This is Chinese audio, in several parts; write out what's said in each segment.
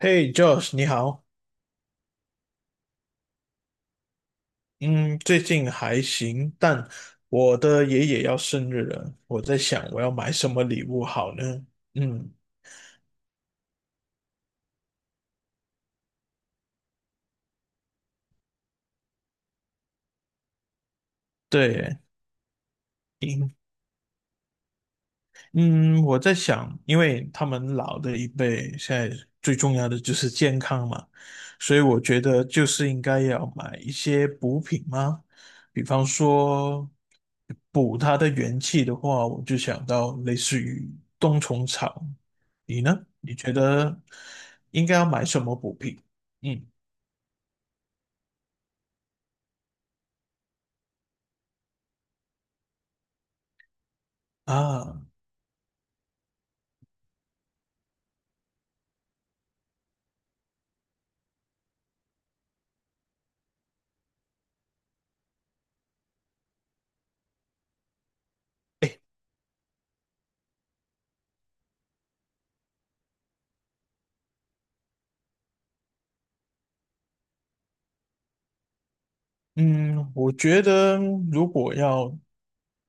嘿，Josh，你好。嗯，最近还行，但我的爷爷要生日了，我在想我要买什么礼物好呢？嗯，对，嗯，我在想，因为他们老的一辈现在最重要的就是健康嘛，所以我觉得就是应该要买一些补品吗？比方说补他的元气的话，我就想到类似于冬虫草。你呢？你觉得应该要买什么补品？嗯啊。嗯，我觉得如果要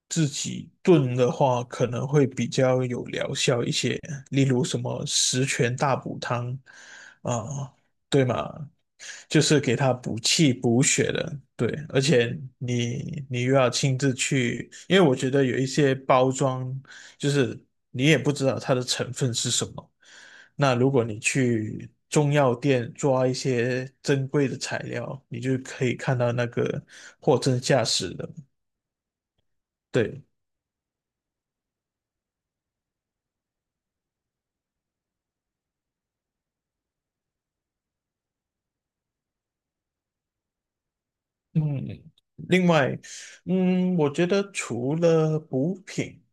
自己炖的话，可能会比较有疗效一些，例如什么十全大补汤啊，对吗？就是给它补气补血的，对。而且你又要亲自去，因为我觉得有一些包装，就是你也不知道它的成分是什么，那如果你去中药店抓一些珍贵的材料，你就可以看到那个货真价实的。对，嗯，另外，嗯，我觉得除了补品，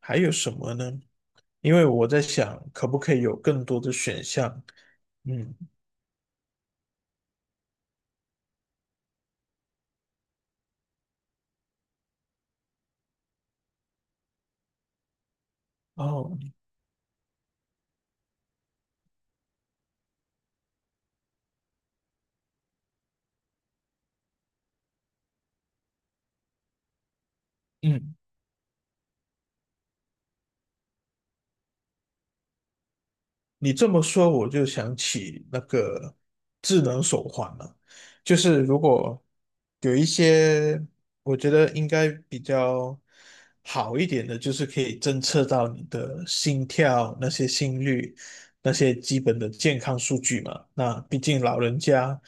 还有什么呢？因为我在想，可不可以有更多的选项？嗯，哦，嗯。你这么说，我就想起那个智能手环了。就是如果有一些，我觉得应该比较好一点的，就是可以侦测到你的心跳、那些心率、那些基本的健康数据嘛。那毕竟老人家，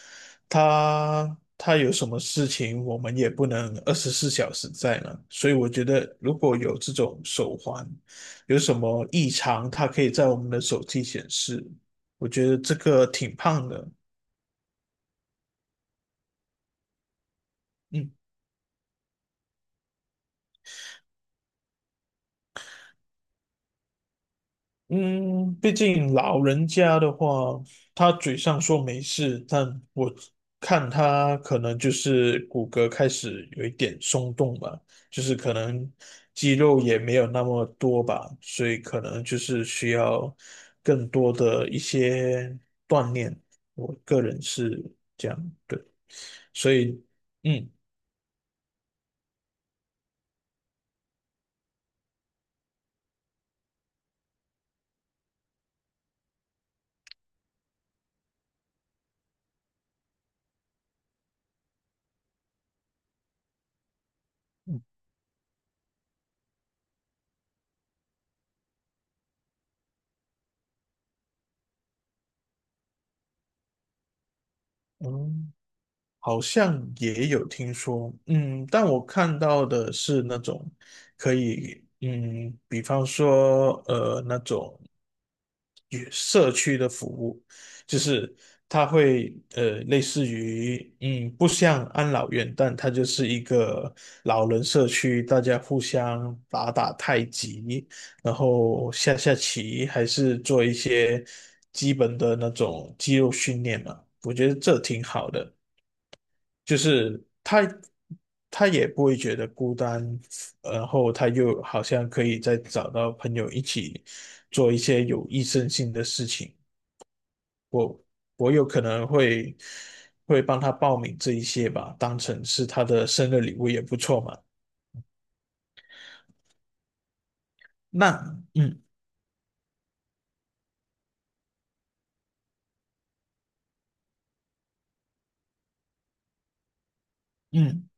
他有什么事情，我们也不能24小时在呢。所以我觉得，如果有这种手环，有什么异常，它可以在我们的手机显示。我觉得这个挺胖的，嗯嗯，毕竟老人家的话，他嘴上说没事，但我看他可能就是骨骼开始有一点松动吧，就是可能肌肉也没有那么多吧，所以可能就是需要更多的一些锻炼。我个人是这样，对，所以嗯。哦，好像也有听说，嗯，但我看到的是那种可以，嗯，比方说，那种与社区的服务，就是它会，类似于，嗯，不像安老院，但它就是一个老人社区，大家互相打打太极，然后下下棋，还是做一些基本的那种肌肉训练嘛，我觉得这挺好的。就是他也不会觉得孤单，然后他又好像可以再找到朋友一起做一些有益身心的事情。我我有可能会帮他报名这一些吧，当成是他的生日礼物也不错嘛。那嗯嗯。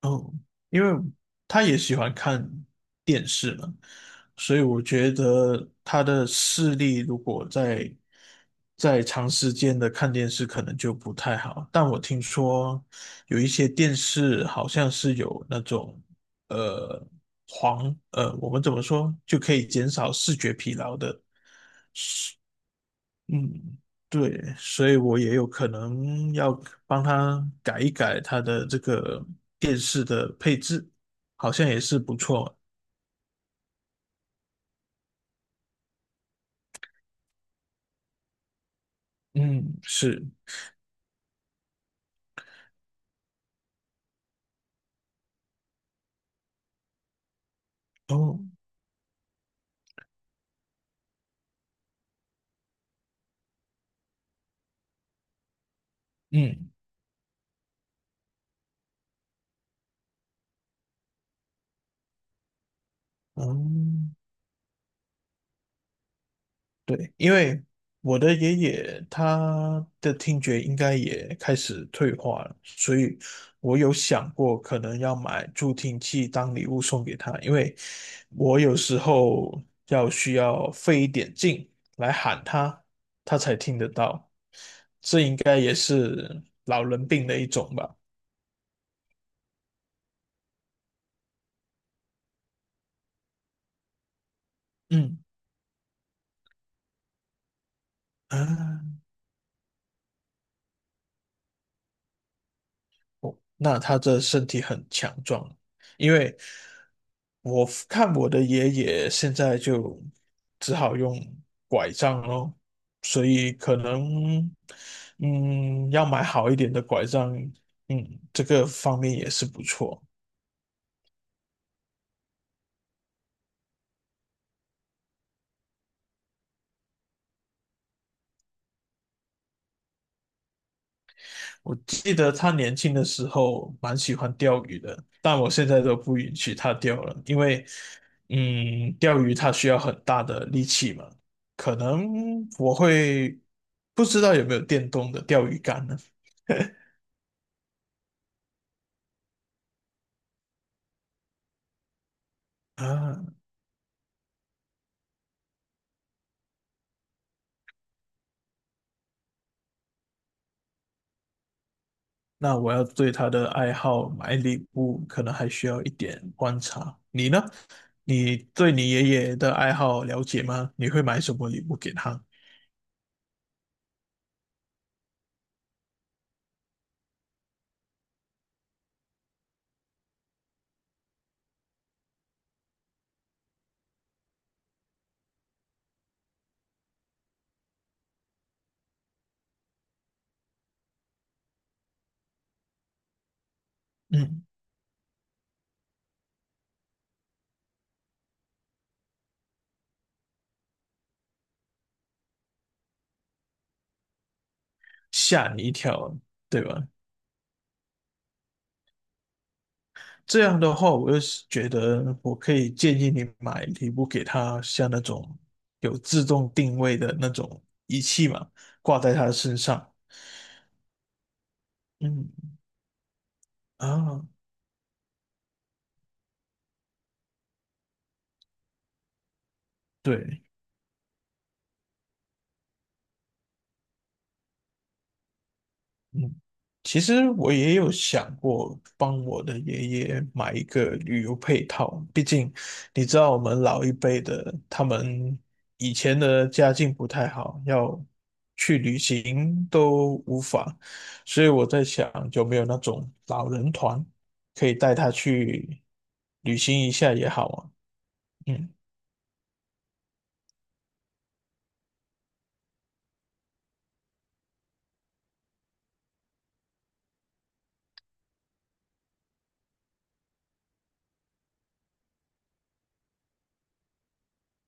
哦，因为他也喜欢看电视嘛，所以我觉得他的视力如果在长时间的看电视，可能就不太好。但我听说有一些电视好像是有那种呃黄我们怎么说就可以减少视觉疲劳的。嗯，对，所以我也有可能要帮他改一改他的这个电视的配置，好像也是不错。嗯，是，哦，嗯，哦，对，因为我的爷爷他的听觉应该也开始退化了，所以我有想过可能要买助听器当礼物送给他，因为我有时候需要费一点劲来喊他，他才听得到，应该也是老人病的一种吧。嗯啊，那他的身体很强壮，因为我看我的爷爷现在就只好用拐杖咯，所以可能嗯要买好一点的拐杖，嗯，这个方面也是不错。我记得他年轻的时候蛮喜欢钓鱼的，但我现在都不允许他钓了，因为，嗯，钓鱼他需要很大的力气嘛。可能我会不知道有没有电动的钓鱼竿呢？啊，那我要对他的爱好买礼物，可能还需要一点观察。你呢？你对你爷爷的爱好了解吗？你会买什么礼物给他？嗯，吓你一跳，对吧？这样的话，我就是觉得我可以建议你买一部给他，像那种有自动定位的那种仪器嘛，挂在他的身上。嗯啊，对。嗯，其实我也有想过帮我的爷爷买一个旅游配套，毕竟你知道我们老一辈的，他们以前的家境不太好，要去旅行都无法，所以我在想有没有那种老人团可以带他去旅行一下也好啊。嗯。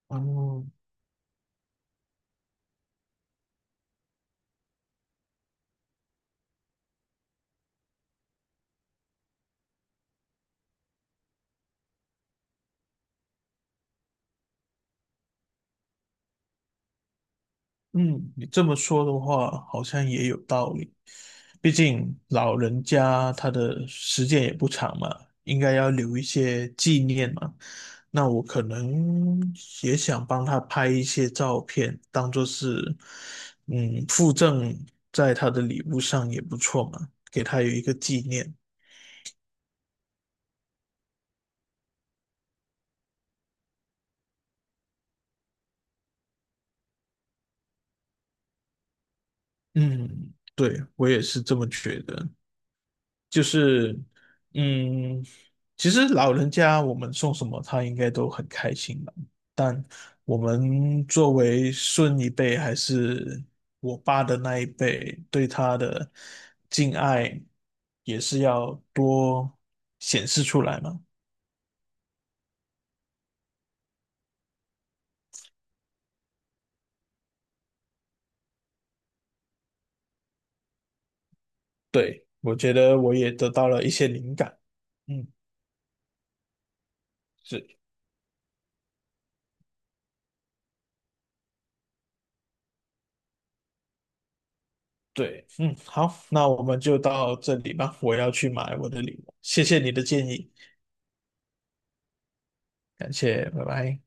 哦，嗯，你这么说的话，好像也有道理。毕竟老人家他的时间也不长嘛，应该要留一些纪念嘛。那我可能也想帮他拍一些照片，当做是嗯附赠在他的礼物上也不错嘛，给他有一个纪念。嗯，对，我也是这么觉得。就是，嗯，其实老人家我们送什么，他应该都很开心吧。但我们作为孙一辈，还是我爸的那一辈，对他的敬爱也是要多显示出来嘛。对，我觉得我也得到了一些灵感。嗯，是，对，嗯，好，那我们就到这里吧。我要去买我的礼物，谢谢你的建议，感谢，拜拜。